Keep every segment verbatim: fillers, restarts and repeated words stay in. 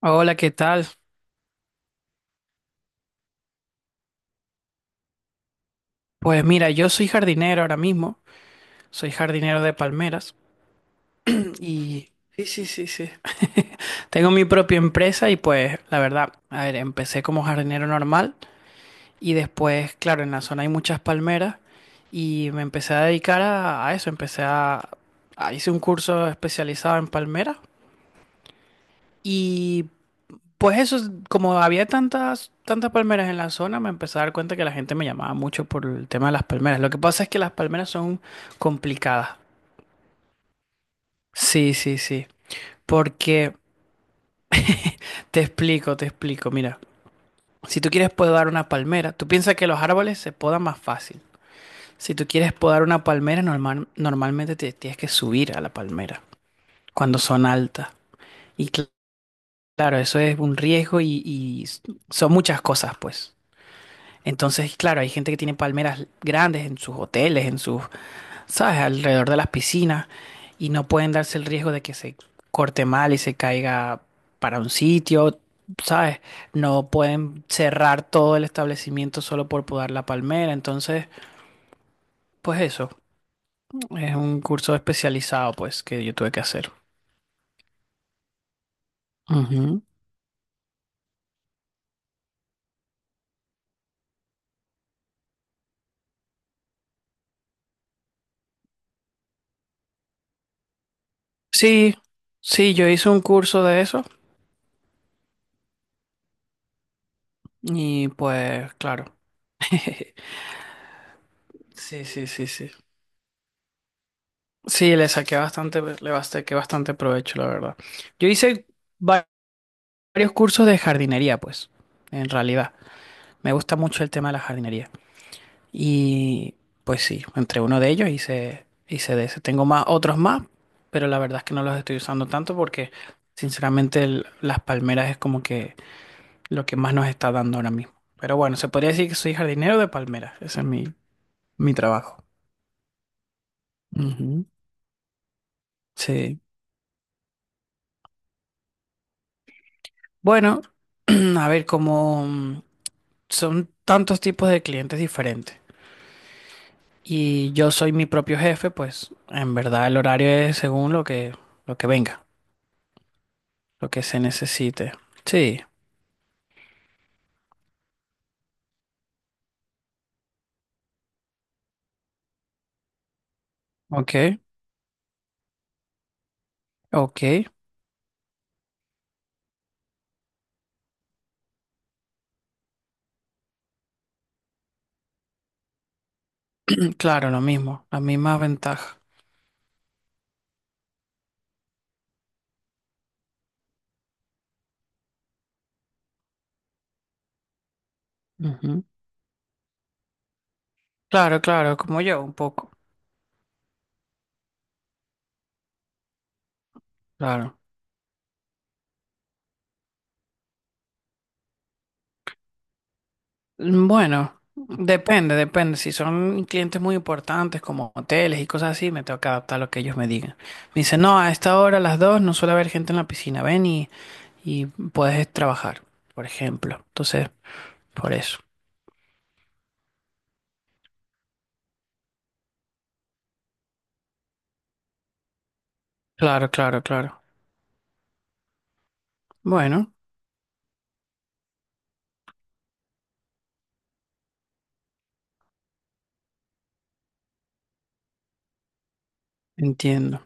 Hola, ¿qué tal? Pues mira, yo soy jardinero ahora mismo, soy jardinero de palmeras y... Sí, sí, sí, sí. Tengo mi propia empresa y pues la verdad, a ver, empecé como jardinero normal y después, claro, en la zona hay muchas palmeras y me empecé a dedicar a, a eso, empecé a, a- hice un curso especializado en palmeras y pues eso, es- como había tantas, tantas palmeras en la zona, me empecé a dar cuenta que la gente me llamaba mucho por el tema de las palmeras. Lo que pasa es que las palmeras son complicadas. Sí, sí, sí. Porque te explico, te explico. Mira, si tú quieres podar una palmera, tú piensas que los árboles se podan más fácil. Si tú quieres podar una palmera, normal, normalmente te tienes que subir a la palmera cuando son altas. Y cl- claro, eso es un riesgo y, y s- son muchas cosas, pues. Entonces, claro, hay gente que tiene palmeras grandes en sus hoteles, en sus, ¿sabes?, alrededor de las piscinas y no pueden darse el riesgo de que se corte mal y se caiga para un sitio, ¿sabes? No pueden cerrar todo el establecimiento solo por podar la palmera. Entonces, pues eso, es un curso especializado, pues, que yo tuve que hacer. Ujú. Sí, sí, yo hice un curso de eso y pues, claro. Sí, sí, sí, sí. Sí, le saqué bastante, le saqué bastante provecho, la verdad. Yo hice va- varios cursos de jardinería, pues, en realidad. Me gusta mucho el tema de la jardinería. Y pues sí, entre uno de ellos hice, hice de ese. Tengo más, otros más, pero la verdad es que no los estoy usando tanto porque, sinceramente, el- las palmeras es como que lo que más nos está dando ahora mismo. Pero bueno, se podría decir que soy jardinero de palmeras. Ese es mi, mi trabajo. Ujú. Sí. Bueno, a ver, como son tantos tipos de clientes diferentes. Y yo soy mi propio jefe, pues en verdad el horario es según lo que, lo que venga, lo que se necesite. Sí, ok, ok. Claro, lo mismo, la misma ventaja. Ujú. Claro, claro, como yo, un poco. Claro. Bueno, depende, depende. Si son clientes muy importantes como hoteles y cosas así, me tengo que adaptar a lo que ellos me digan. Me dicen, no, a esta hora, a las dos, no suele haber gente en la piscina. Ven y y puedes trabajar, por ejemplo. Entonces, por eso. Claro, claro, claro. Bueno, entiendo.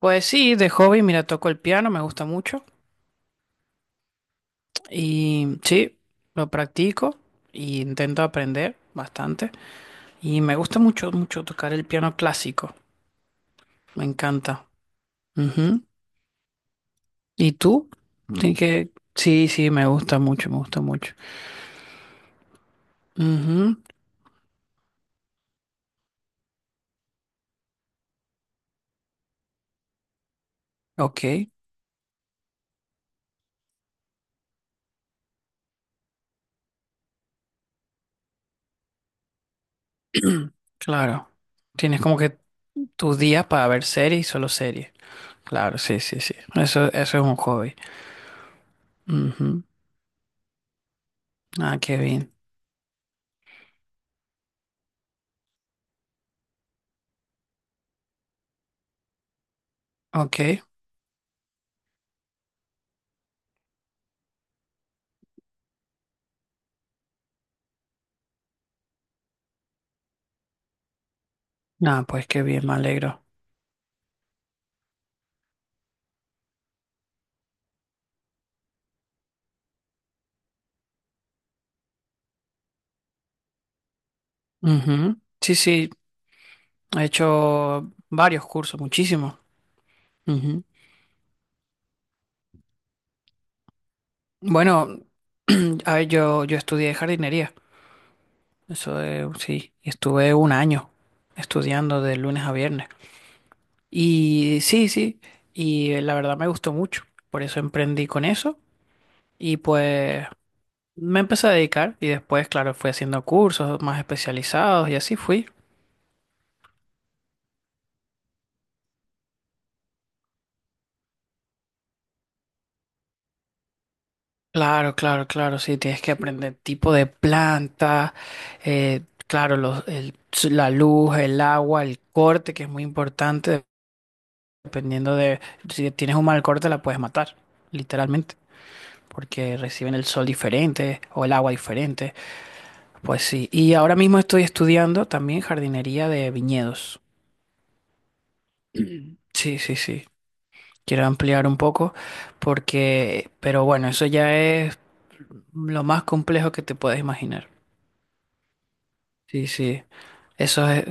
Pues sí, de hobby, mira, toco el piano, me gusta mucho y sí, lo practico y intento aprender bastante y me gusta mucho, mucho tocar el piano clásico, me encanta. Ujú. ¿Y tú? Sí, que... sí, sí, me gusta mucho, me gusta mucho. Ujú. Ok, claro. Tienes como que tus días para ver series y solo series. Claro, sí, sí, sí. Eso, eso es un hobby. Ujú. Ah, qué bien. Ok. Ah, pues qué bien, me alegro. Ujú. Sí, sí, he hecho varios cursos, muchísimos. Ujú. Bueno, a ver, yo, yo estudié jardinería. Eso eh, sí, estuve un año estudiando de lunes a viernes. Y sí, sí, y la verdad me gustó mucho. Por eso emprendí con eso. Y pues me empecé a dedicar y después, claro, fui haciendo cursos más especializados y así fui. Claro, claro, claro, sí, tienes que aprender tipo de planta, eh, claro, los, el- la luz, el agua, el corte, que es muy importante, dependiendo de si tienes un mal corte la puedes matar, literalmente, porque reciben el sol diferente o el agua diferente. Pues sí, y ahora mismo estoy estudiando también jardinería de viñedos. Sí, sí, sí. Quiero ampliar un poco porque, pero bueno, eso ya es lo más complejo que te puedes imaginar. Sí, sí. Esos, eh,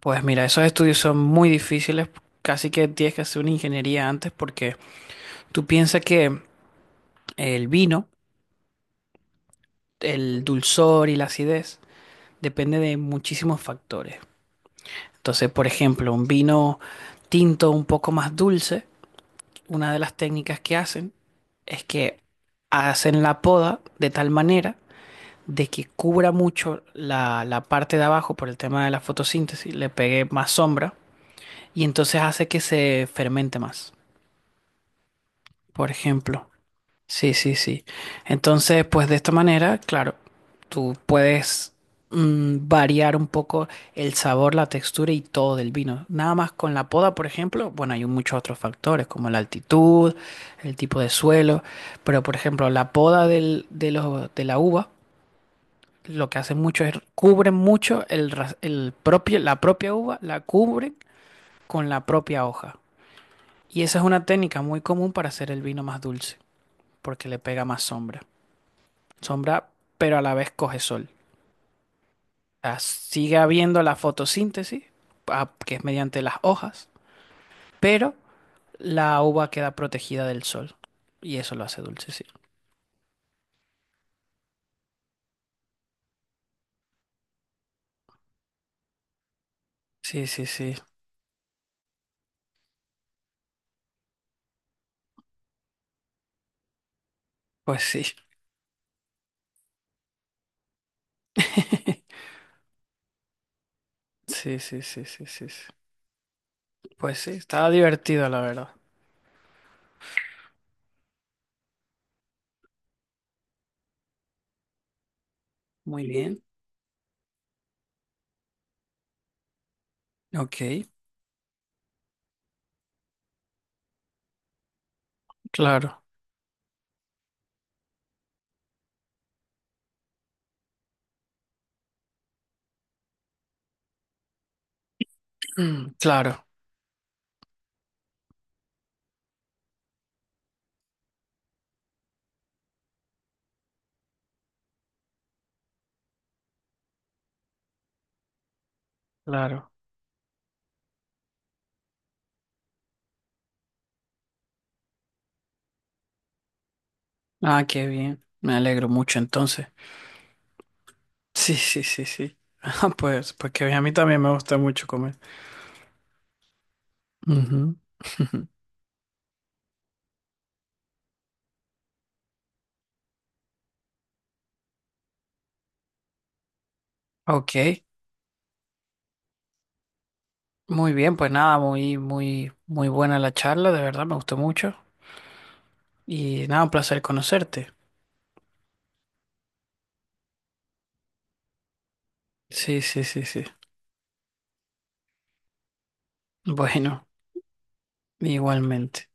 pues mira, esos estudios son muy difíciles, casi que tienes que hacer una ingeniería antes porque tú piensas que el vino, el dulzor y la acidez depende de muchísimos factores. Entonces, por ejemplo, un vino tinto un poco más dulce, una de las técnicas que hacen es que hacen la poda de tal manera de que cubra mucho la, la parte de abajo por el tema de la fotosíntesis, le pegue más sombra y entonces hace que se fermente más, por ejemplo. Sí, sí, sí. Entonces, pues de esta manera, claro, tú puedes mm, variar un poco el sabor, la textura y todo del vino. Nada más con la poda, por ejemplo, bueno, hay muchos otros factores como la altitud, el tipo de suelo, pero por ejemplo, la poda del- de, los- de la uva lo que hacen mucho es cubren mucho el, ras- el propio, la propia uva, la cubren con la propia hoja. Y esa es una técnica muy común para hacer el vino más dulce, porque le pega más sombra. Sombra, pero a la vez coge sol. O sea, sigue habiendo la fotosíntesis, ah, que es mediante las hojas, pero la uva queda protegida del sol. Y eso lo hace dulce, sí. Sí, sí, sí. Pues sí. Sí, sí, sí, sí, sí, sí. Pues sí, estaba divertido, la verdad. Muy bien. Ok. Claro, mm, claro, claro. Ah, qué bien. Me alegro mucho entonces. Sí, sí, sí, sí. Ah, pues, pues que a mí también me gusta mucho comer. Ujú. Ok, muy bien, pues nada, muy, muy, muy buena la charla, de verdad, me gustó mucho. Y nada, un placer conocerte. Sí, sí, sí, sí. Bueno, igualmente.